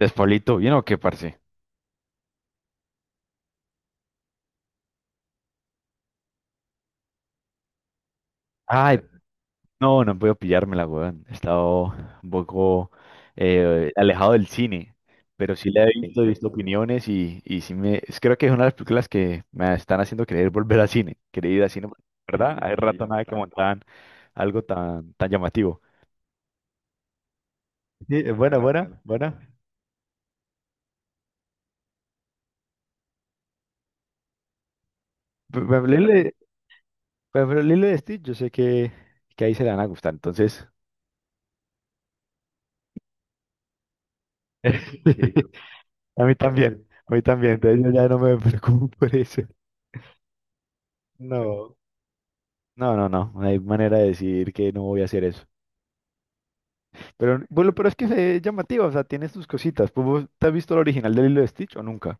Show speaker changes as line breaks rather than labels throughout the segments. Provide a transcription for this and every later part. ¿Despablito bien o qué, parce? Ay, no, no puedo pillármela, weón. He estado un poco alejado del cine, pero sí la he visto opiniones y, sí me... es- Creo que es una de las películas que me están haciendo querer volver al cine, querer ir al cine, ¿verdad? Hay rato nada que montaban algo tan llamativo. Sí, es buena, buena, buena. Pero pero Lilo y pero Lilo y Stitch, yo sé que ahí se le van a gustar, entonces... a mí también, entonces yo ya no me preocupo por eso. No, no, no, no, no hay manera de decir que no voy a hacer eso. Pero bueno, pero es que se ve llamativa, o sea, tiene sus cositas. Pues, ¿vos te has visto el original del hilo de Lilo y Stitch o nunca?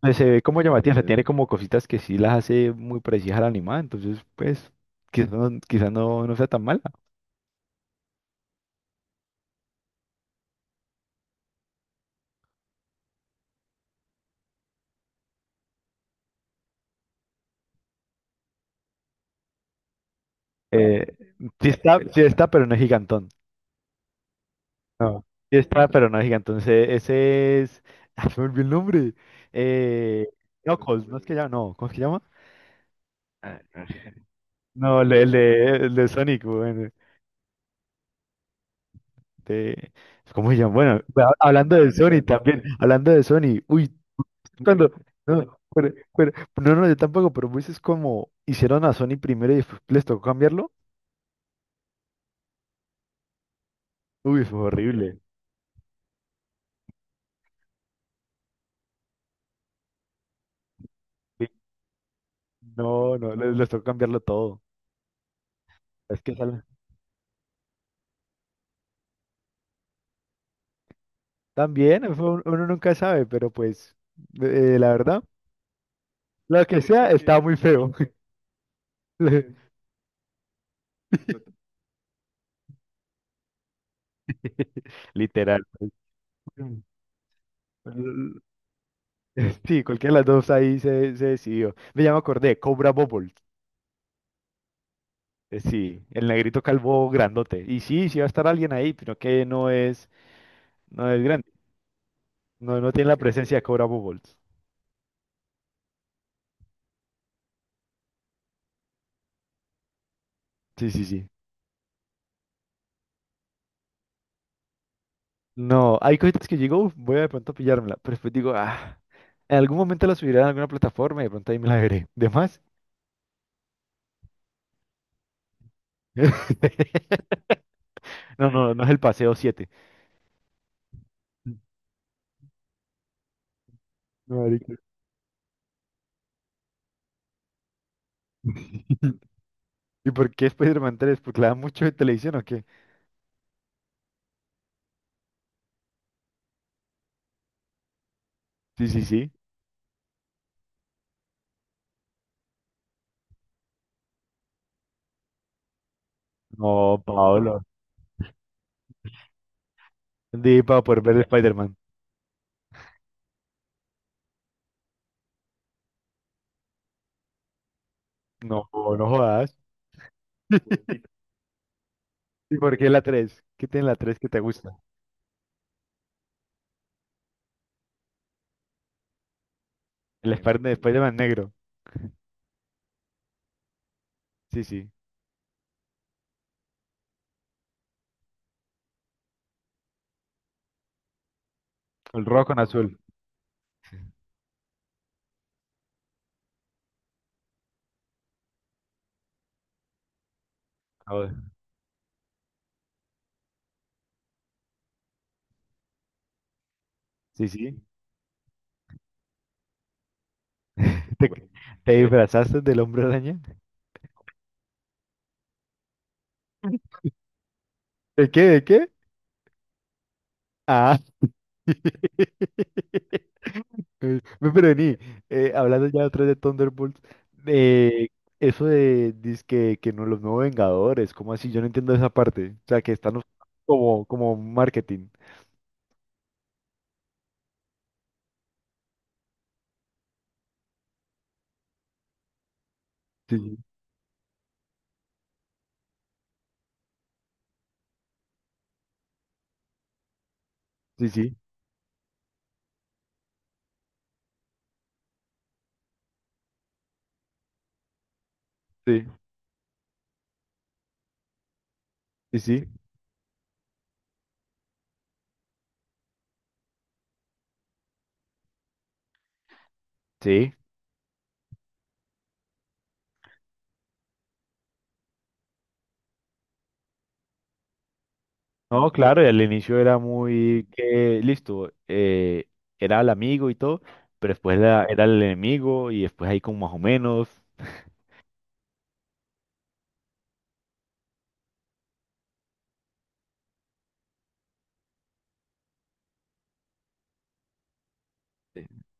Pues se ve como llamativa, o sea, tiene como cositas que sí las hace muy parecidas a la animada, entonces pues quizás no, quizá no, no sea tan mala. Eh, sí está, pero no es gigantón. No, sí está, pero no es gigantón. Ese es... Ah, se me olvidó el nombre. Eh, no, Cos, ¿no es que llama? No, ¿cómo es que llama? Ah, no sé. No, el de Sonic, weón. De- ¿cómo se llama? Bueno, ha- hablando de Sony también, hablando de Sony, uy, cuando, no, pero- no, no, yo tampoco, pero pues es como hicieron a Sony primero y después les tocó cambiarlo, uy, fue horrible. Sí, no, no, les tocó cambiarlo todo, es que sale- también, fue un- uno nunca sabe, pero pues, la verdad, lo que sea, estaba muy feo. Le- literal, pues. Mm. Sí, cualquiera de las dos ahí se, se decidió. Me llama acordé, Cobra Bobble. Sí, el negrito calvo grandote. Y sí, sí va a estar alguien ahí, pero que no es, no es grande. No, no tiene la presencia de Cobra Bubbles. Sí, sí, sí. No, hay cositas que digo, "Uf, voy a de pronto pillármela", pero después digo, ah, en algún momento la subiré a alguna plataforma y de pronto ahí me la veré. ¿De más? No, no, no es el paseo siete. Marica. ¿Y por qué Spider-Man 3? ¿Porque la dan mucho en televisión o qué? Sí, sí, sí. No, Pablo. Di para poder ver Spider-Man. No, no jodas. ¿Y por qué la tres? ¿Qué tiene la 3 que te gusta? El Spider- Spider-Man negro. Sí, sí. El rojo con azul. Joder. Sí, sí. ¿Te, bueno, te disfrazaste del hombre araña? ¿De qué? ¿De qué? Ah. Ve, pero vení, hablando ya otra vez de Thunderbolts, eh, eso de dizque que no los nuevos Vengadores, ¿cómo así? Yo no entiendo esa parte. O sea, que están us- como, como marketing. Sí, sí, sí, sí, sí, sí, sí, sí. No, claro, y al inicio era muy que, listo, era el amigo y todo, pero después era, era el enemigo y después ahí como más o menos,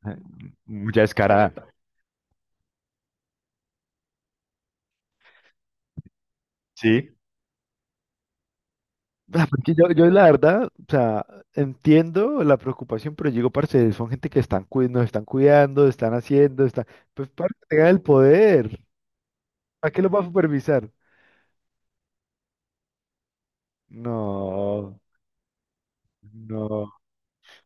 eh, mucha descarada. Sí. Ah, porque yo la verdad, o sea, entiendo la preocupación, pero digo, parce, son gente que están cui- nos están cuidando, están haciendo, están, pues para que tengan el poder, ¿para qué lo va a supervisar? No, no.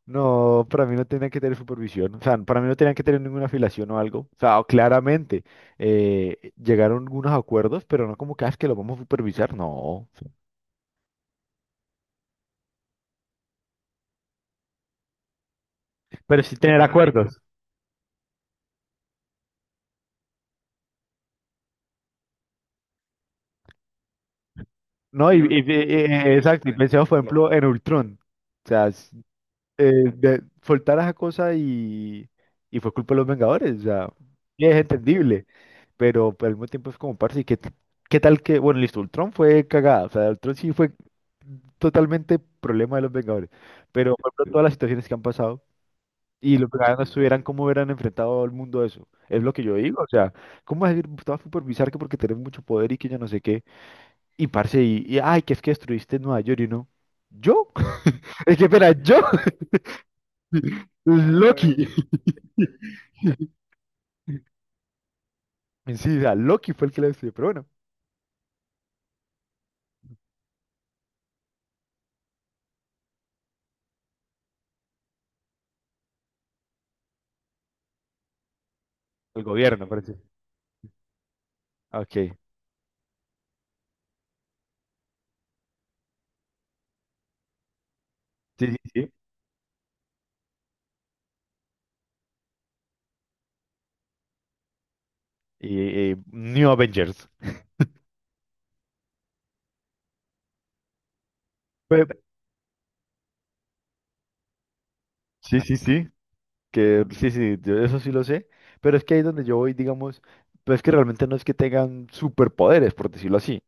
No, para mí no tenía que tener supervisión, o sea, para mí no tenían que tener ninguna afiliación o algo, o sea, claramente llegaron unos acuerdos, pero no como que, "Ah, es que lo vamos a supervisar", no. Pero sí tener acuerdos. No, y- y- exacto, y pensemos, por ejemplo, en Ultron, o sea, s- de- soltar esa cosa y fue culpa de los Vengadores, o sea, y es entendible. Pero al mismo tiempo es como, parce, ¿y qué, t- qué tal que, bueno, listo, Ultron fue cagada, o sea, Ultron sí fue totalmente problema de los Vengadores, pero por ejemplo, todas las situaciones que han pasado y los Vengadores no estuvieran, ¿cómo hubieran enfrentado al mundo eso? Es lo que yo digo, o sea, ¿cómo vas a decir, estaba supervisar que porque tenés mucho poder y que yo no sé qué, y parce, y, ay, que es que destruiste Nueva York y no, ¿yo? Es que, espera, ¿yo? Loki. En sí, o sea, Loki fue el que la destruyó, pero bueno, el gobierno, parece. Ok, sí, sí, sí, y, y New Avengers. Pe- sí, sí, sí, que sí, sí, yo eso sí lo sé, pero es que ahí es donde yo voy, digamos, pues es que realmente no es que tengan superpoderes, por decirlo así,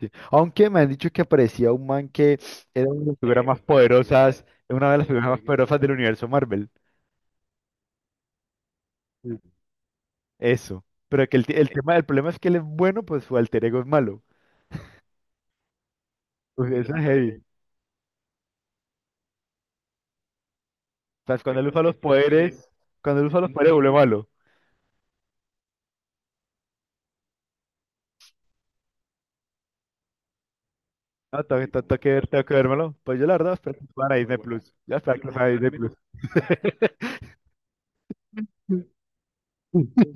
¿sí? Aunque me han dicho que aparecía un man que era una de las figuras más poderosas, una de las figuras más poderosas del universo Marvel. Sí. Eso, pero que el, t- el tema, el problema es que él es bueno, pues su alter ego es malo, pues eso es heavy, o sea, cuando él usa los poderes, cuando él usa los poderes vuelve malo. No, tengo que ver, tengo que vérmelo. Pues yo la verdad, espero que lo suban a Disney Plus. Yo espero que lo suban a Disney Plus.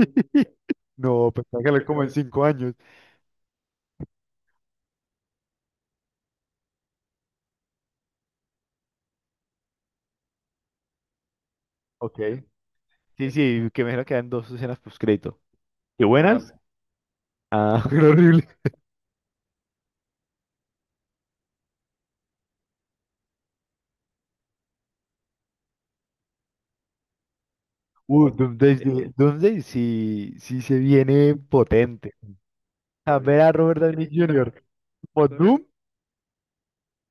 No, pensaba que era como en 5 años. Ok. Sí, sí, que me imagino que dan dos escenas postcrédito. ¿Qué? ¿Ah, buenas? Ah, pero horrible. Doomsday, sí- Doomsday sí, sí se viene potente. A ver a Robert Downey Jr. como Doom,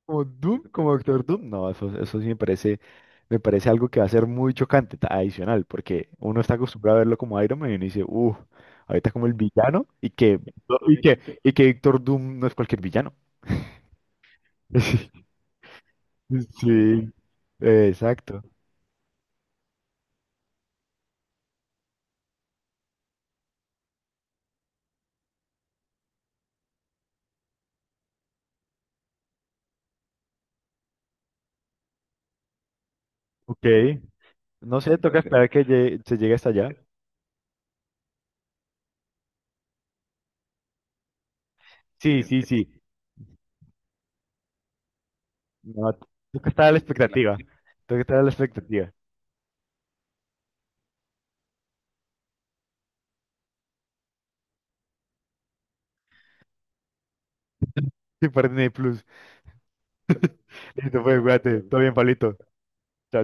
como Doom, como Doctor Doom. No, eso sí me parece algo que va a ser muy chocante, ta- adicional, porque uno está acostumbrado a verlo como Iron Man y uno dice, uff, ahorita como el villano y que, y que, y que Doctor Doom no es cualquier villano. Sí, exacto. Ok. No sé, toca esperar que llegue- se llegue hasta allá. Sí, sí, sí. No, toca estar a la expectativa. Toca estar a la expectativa. Sí, para Disney Plus. Listo, pues, cuídate. Todo bien, Palito. Chao.